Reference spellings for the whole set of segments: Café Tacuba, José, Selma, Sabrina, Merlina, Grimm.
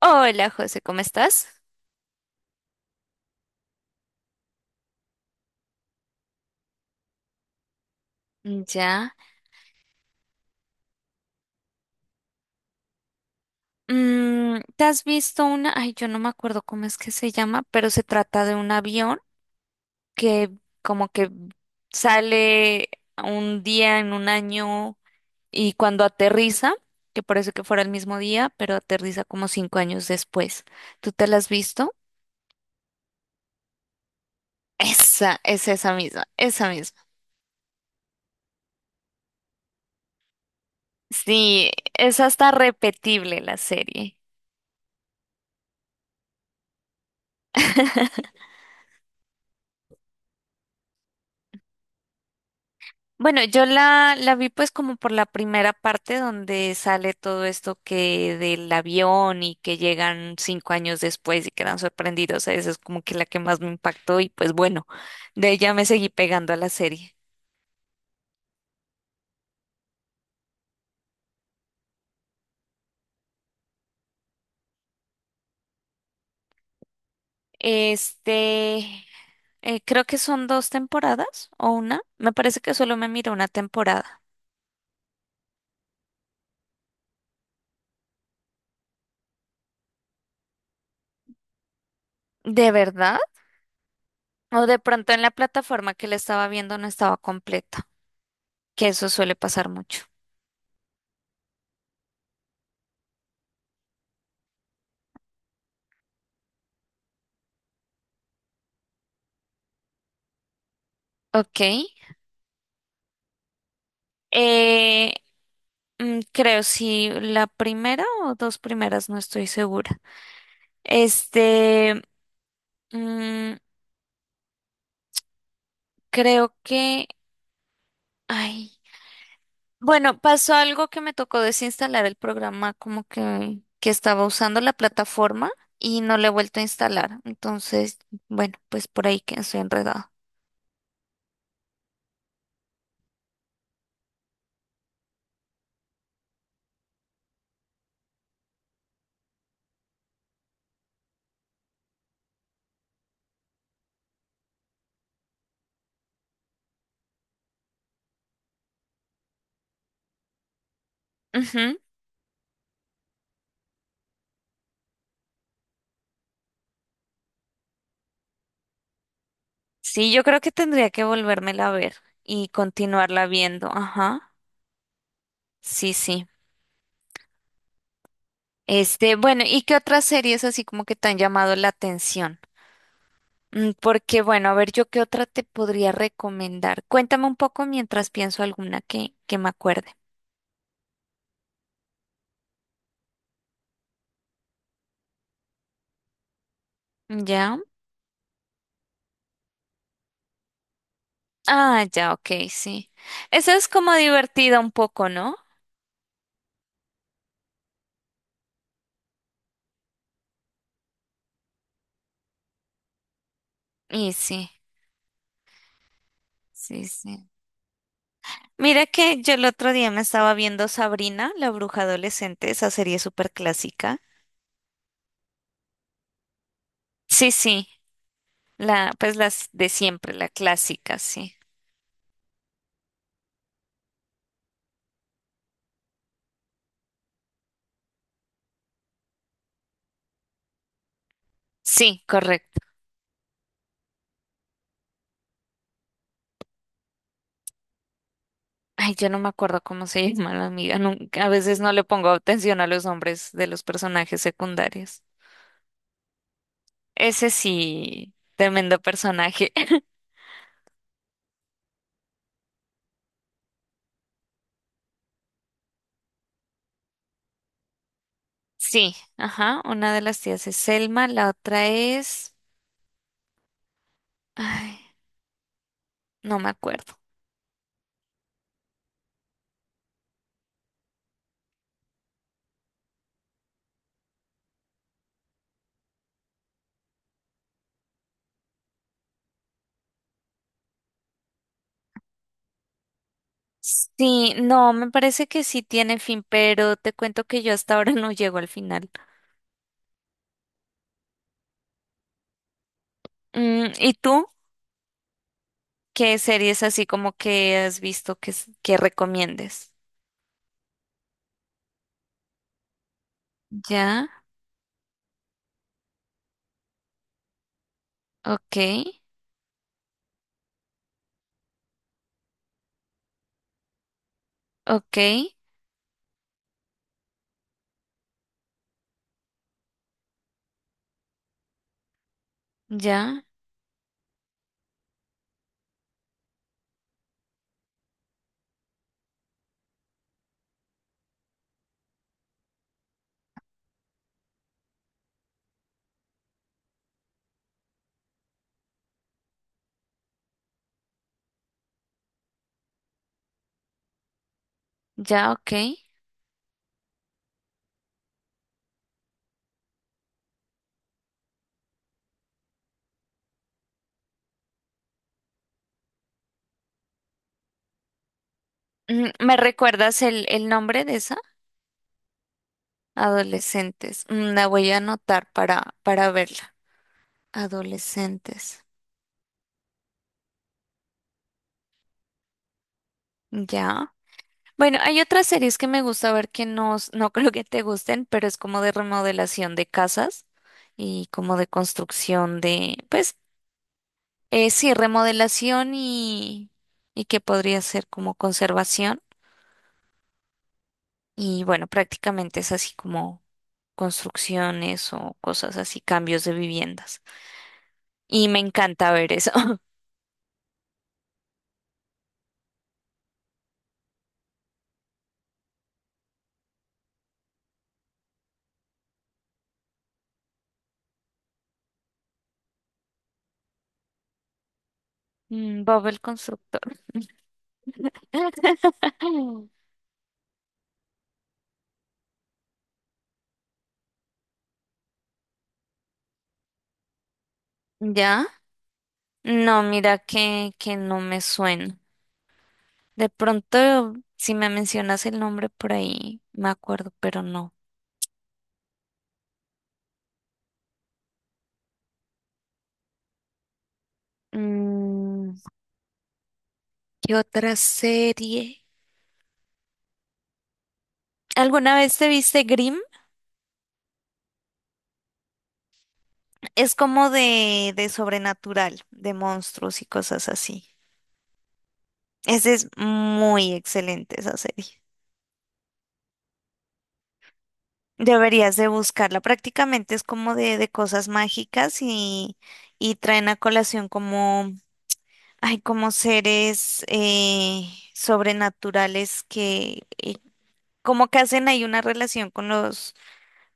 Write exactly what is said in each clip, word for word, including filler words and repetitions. Hola José, ¿cómo estás? Ya. Mm, ¿te has visto una? Ay, yo no me acuerdo cómo es que se llama, pero se trata de un avión que como que sale un día en un año y cuando aterriza, que parece que fuera el mismo día, pero aterriza como cinco años después. ¿Tú te la has visto? Esa, es esa misma, esa misma. Sí, es hasta repetible la serie. Bueno, yo la, la vi pues como por la primera parte donde sale todo esto que del avión y que llegan cinco años después y quedan sorprendidos. Esa es como que la que más me impactó y pues bueno, de ella me seguí pegando a la serie. Este, eh, creo que son dos temporadas o una. Me parece que solo me miré una temporada. ¿De verdad? O de pronto en la plataforma que la estaba viendo no estaba completa, que eso suele pasar mucho. Ok. Eh, Mm, Creo si la primera o dos primeras, no estoy segura. Este, mm, creo que, ay, bueno, pasó algo que me tocó desinstalar el programa, como que, que estaba usando la plataforma y no le he vuelto a instalar. Entonces, bueno, pues por ahí que estoy enredado. Ujú. Sí, yo creo que tendría que volvérmela a ver y continuarla viendo. Ajá. Sí, sí. Este, bueno, ¿y qué otras series así como que te han llamado la atención? Mm, Porque, bueno, a ver, yo qué otra te podría recomendar. Cuéntame un poco mientras pienso alguna que, que me acuerde. ¿Ya? Ah, ya, ok, sí. Eso es como divertido un poco, ¿no? Y sí, sí, sí. Mira que yo el otro día me estaba viendo Sabrina, la bruja adolescente, esa serie súper clásica. Sí, sí, la, pues las de siempre, la clásica, sí. Sí, correcto. Ay, yo no me acuerdo cómo se llama la amiga. Nunca, a veces no le pongo atención a los nombres de los personajes secundarios. Ese sí, tremendo personaje. Sí, ajá. Una de las tías es Selma, la otra es… Ay, no me acuerdo. Sí, no, me parece que sí tiene fin, pero te cuento que yo hasta ahora no llego al final. Mm, ¿y tú? ¿Qué series así como que has visto que, s- que recomiendes? Ya, ok, ok, ya. Ya, ok. Mm, ¿Me recuerdas el, el nombre de esa? Adolescentes. Mm, La voy a anotar para, para verla. Adolescentes. Ya. Bueno, hay otras series que me gusta ver que no, s- no creo que te gusten, pero es como de remodelación de casas y como de construcción de, pues, eh, sí, remodelación y, y que podría ser como conservación. Y bueno, prácticamente es así como construcciones o cosas así, cambios de viviendas. Y me encanta ver eso. Mm, Bob el constructor. ¿Ya? No, mira que, que no me suena. De pronto, si me mencionas el nombre por ahí, me acuerdo, pero no. Mm, ¿qué otra serie? ¿Alguna vez te viste Grimm? Es como de, de sobrenatural, de monstruos y cosas así. Esa es muy excelente, esa serie. Deberías de buscarla. Prácticamente es como de, de cosas mágicas y, y traen a colación como, ay, como seres eh, sobrenaturales que eh, como que hacen ahí una relación con los,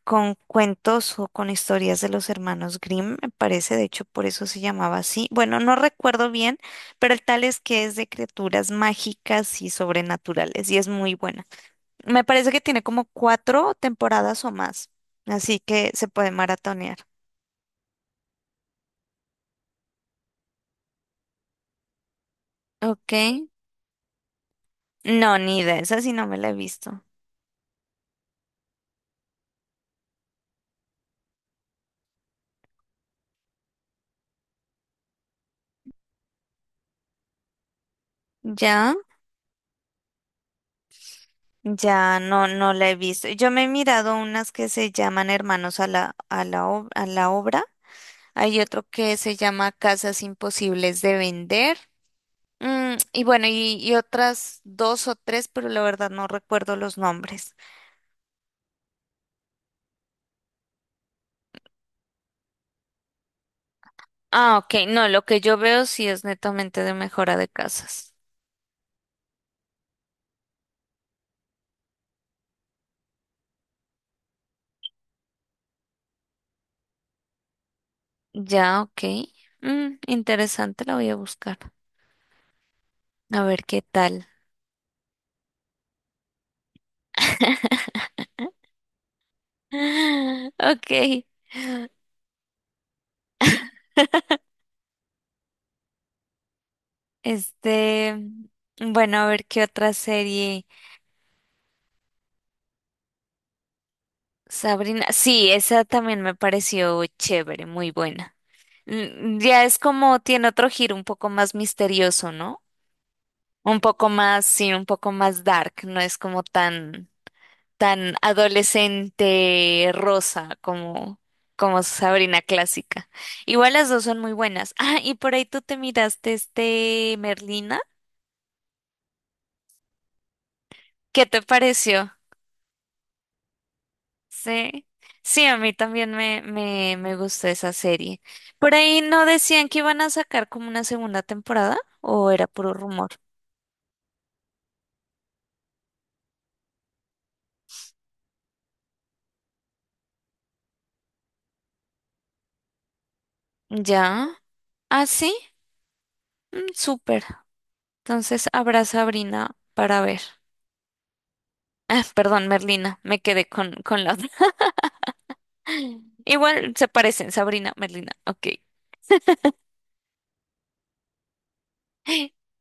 con cuentos o con historias de los hermanos Grimm, me parece, de hecho por eso se llamaba así. Bueno, no recuerdo bien, pero el tal es que es de criaturas mágicas y sobrenaturales y es muy buena. Me parece que tiene como cuatro temporadas o más, así que se puede maratonear. Ok. No, ni idea, esa sí no me la he visto. ¿Ya? Ya no, no la he visto. Yo me he mirado unas que se llaman Hermanos a la, a la, ob- a la obra. Hay otro que se llama Casas Imposibles de Vender. Mm, y bueno, y, y otras dos o tres, pero la verdad no recuerdo los nombres. Ah, ok. No, lo que yo veo sí es netamente de mejora de casas. Ya, ok. Mm, interesante, la voy a buscar. A ver qué tal. Ok. Este, bueno, a ver qué otra serie. Sabrina. Sí, esa también me pareció chévere, muy buena. Mm, Ya es como tiene otro giro un poco más misterioso, ¿no? Un poco más, sí, un poco más dark, no es como tan tan adolescente rosa como, como Sabrina clásica. Igual las dos son muy buenas. Ah, y por ahí tú te miraste este Merlina. ¿Qué te pareció? Sí. Sí, a mí también me, me, me gustó esa serie. Por ahí no decían que iban a sacar como una segunda temporada o era puro rumor. Ya. Ah, sí. Mm, súper. Entonces habrá Sabrina para ver. Ah, perdón, Merlina. Me quedé con, con la otra. Igual se parecen, Sabrina, Merlina. Ok.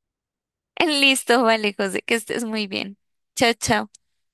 Listo, vale, José, que estés muy bien. Chao, chao.